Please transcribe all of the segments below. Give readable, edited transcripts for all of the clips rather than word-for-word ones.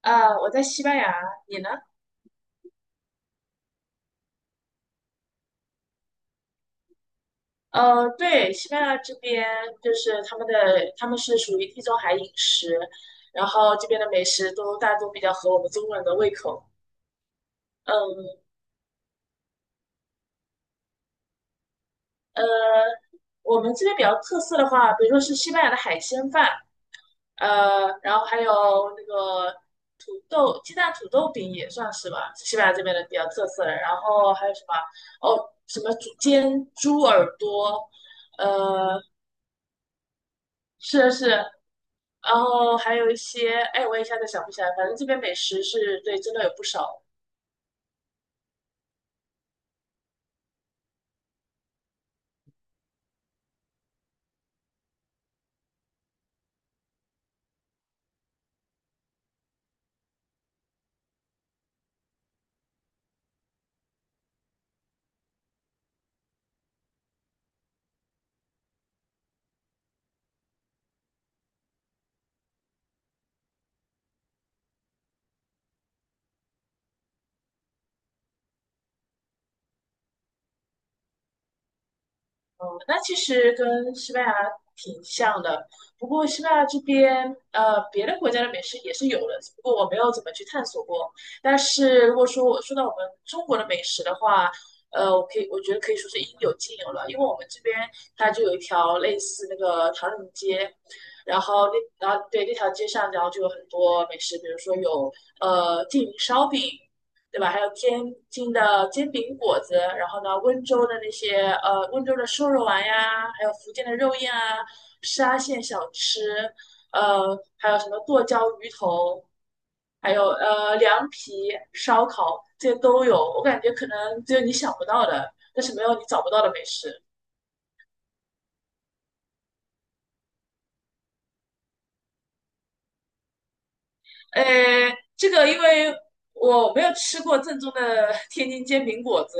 我在西班牙，你呢？对，西班牙这边就是他们的，他们是属于地中海饮食，然后这边的美食都大多比较合我们中国人的胃口。嗯。呃，我们这边比较特色的话，比如说是西班牙的海鲜饭，然后还有那个土豆鸡蛋土豆饼也算是吧，是西班牙这边的比较特色的。然后还有什么？哦，什么猪煎猪耳朵。呃，是是，然后还有一些，哎，我一下子想不起来，反正这边美食是对，真的有不少。嗯，那其实跟西班牙挺像的，不过西班牙这边，别的国家的美食也是有的，只不过我没有怎么去探索过。但是如果说我说到我们中国的美食的话，我觉得可以说是应有尽有了，因为我们这边它就有一条类似那个唐人街，然后对，那条街上，然后就有很多美食，比如说有缙云烧饼。对吧？还有天津的煎饼果子，然后呢，温州的那些温州的瘦肉丸呀，还有福建的肉燕啊，沙县小吃。还有什么剁椒鱼头，还有凉皮、烧烤，这些都有。我感觉可能只有你想不到的，但是没有你找不到的美食。呃，这个因为我没有吃过正宗的 天津煎饼果子，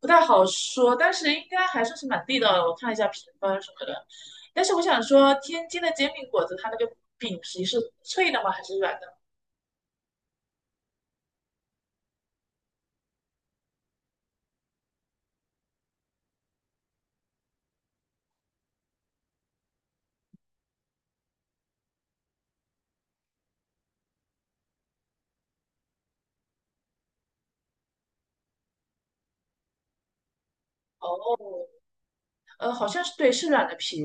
不太好说，但是应该还算是蛮地道的。我看了一下评分什么的，但是我想说，天津的煎饼果子它那个饼皮是脆的吗？还是软的？哦，好像是对，是软的皮，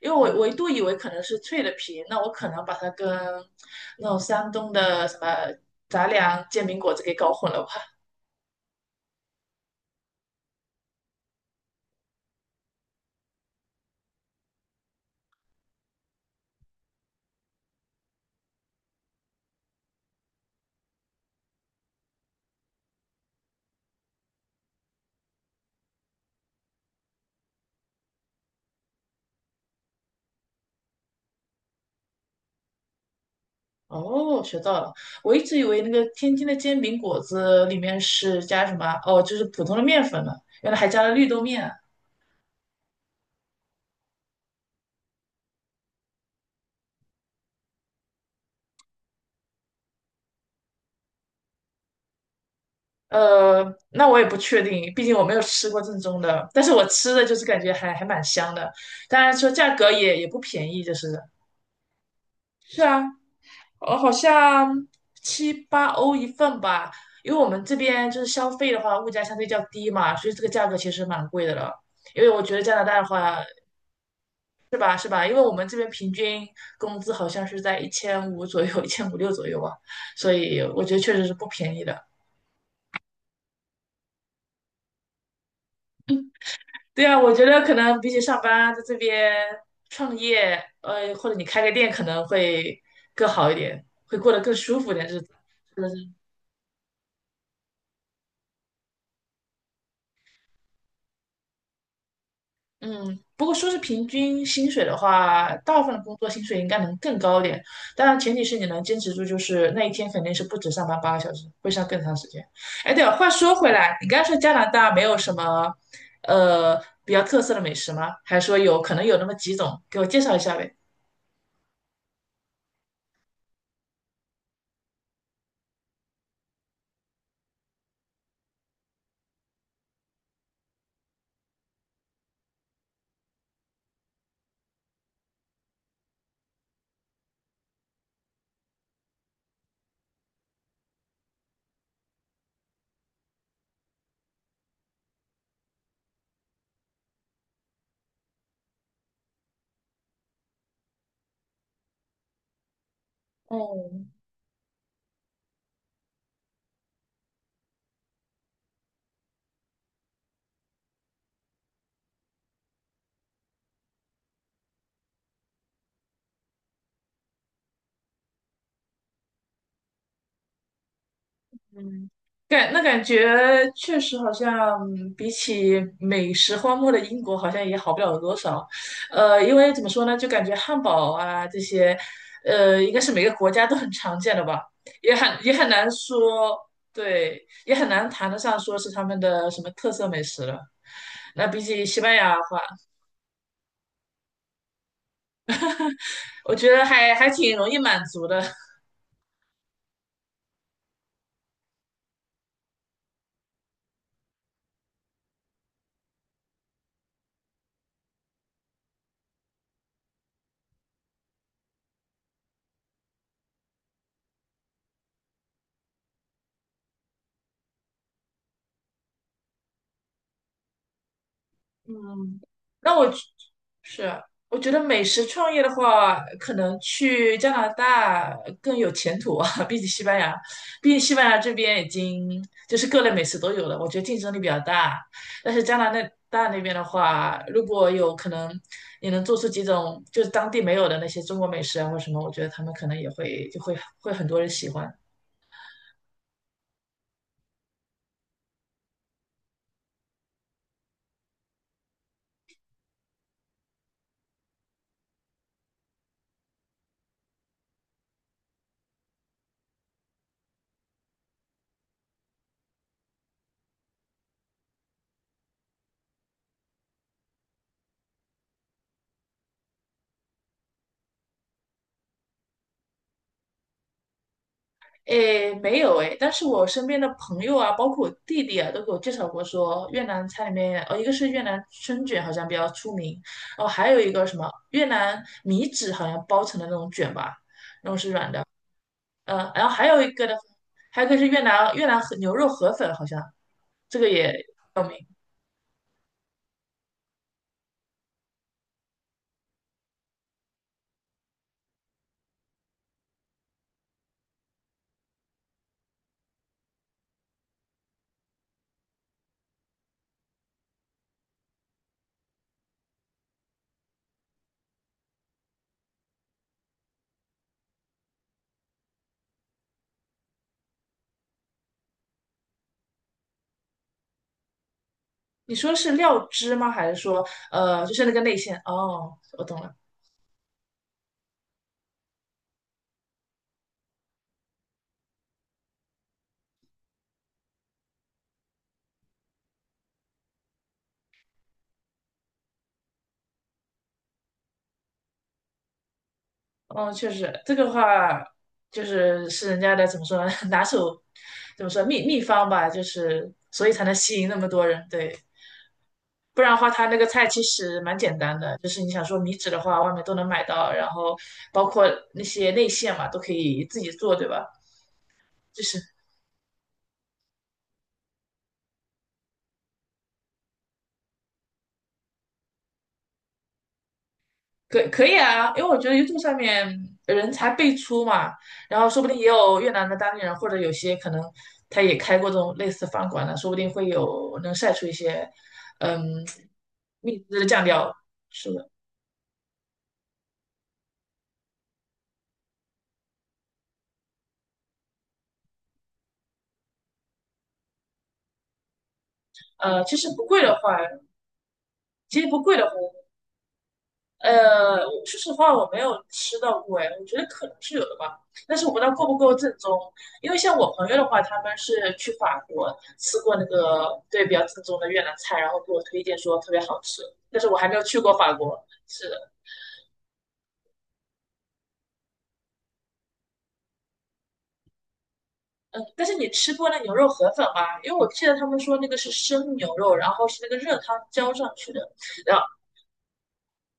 因为我一度以为可能是脆的皮，那我可能把它跟那种山东的什么杂粮煎饼果子给搞混了吧。哦，学到了。我一直以为那个天津的煎饼果子里面是加什么？哦，就是普通的面粉呢，原来还加了绿豆面啊。呃，那我也不确定，毕竟我没有吃过正宗的。但是我吃的就是感觉还蛮香的，当然说价格也不便宜，就是是啊。好像七八欧一份吧。因为我们这边就是消费的话，物价相对较低嘛，所以这个价格其实蛮贵的了。因为我觉得加拿大的话，是吧？是吧？因为我们这边平均工资好像是在一千五左右，1500到1600左右啊，所以我觉得确实是不便宜的。对啊，我觉得可能比起上班，在这边创业，或者你开个店，可能会更好一点，会过得更舒服一点日子。是。嗯，不过说是平均薪水的话，大部分的工作薪水应该能更高一点，当然前提是你能坚持住，就是那一天肯定是不止上班8个小时，会上更长时间。哎，对了，话说回来，你刚才说加拿大没有什么，呃，比较特色的美食吗？还是说有可能有那么几种？给我介绍一下呗。哦，嗯，感觉确实好像比起美食荒漠的英国，好像也好不了多少。因为怎么说呢，就感觉汉堡啊这些，应该是每个国家都很常见的吧，也很难说，对，也很难谈得上说是他们的什么特色美食了。那比起西班牙的话，我觉得还挺容易满足的。嗯，那是我觉得美食创业的话，可能去加拿大更有前途啊，比起西班牙，毕竟西班牙这边已经就是各类美食都有了，我觉得竞争力比较大。但是加拿大那边的话，如果有可能，你能做出几种就是当地没有的那些中国美食啊或什么，我觉得他们可能也会就会会很多人喜欢。诶，没有诶，但是我身边的朋友啊，包括我弟弟啊，都给我介绍过说越南菜里面，哦，一个是越南春卷好像比较出名，哦，还有一个什么越南米纸好像包成的那种卷吧，嗯，然后还有一个的，还有一个是越南和牛肉河粉好像这个也有名。你说是料汁吗？还是说就是那个内馅？哦，我懂了。嗯，确实，这个话就是是人家的怎么说呢？拿手怎么说秘方吧，就是所以才能吸引那么多人。对，不然的话，他那个菜其实蛮简单的，就是你想说米纸的话，外面都能买到，然后包括那些内馅嘛，都可以自己做，对吧？就是。可以啊，因为我觉得 YouTube 上面人才辈出嘛，然后说不定也有越南的当地人，或者有些可能他也开过这种类似饭馆的，说不定会有能晒出一些，嗯，秘制的酱料。是的。呃，其实不贵的话，其实不贵的话。呃，说实话，我没有吃到过，哎，我觉得可能是有的吧，但是我不知道够不够正宗。因为像我朋友的话，他们是去法国吃过那个对比较正宗的越南菜，然后给我推荐说特别好吃，但是我还没有去过法国。是的。嗯，但是你吃过那牛肉河粉吗？因为我记得他们说那个是生牛肉，然后是那个热汤浇上去的，然后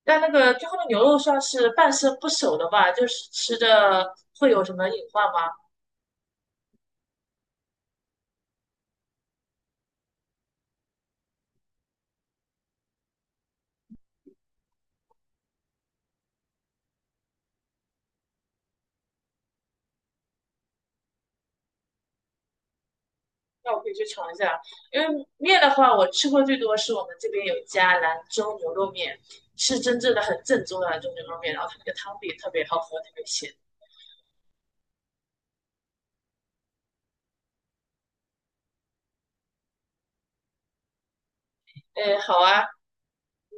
但那个最后的牛肉算是半生不熟的吧，就是吃着会有什么隐患吗？那我可以去尝一下，因为面的话，我吃过最多是我们这边有一家兰州牛肉面，是真正的很正宗的兰州牛肉面，然后它那个汤底特别好喝，特别鲜。哎，好啊，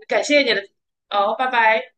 感谢你的，哦，拜拜。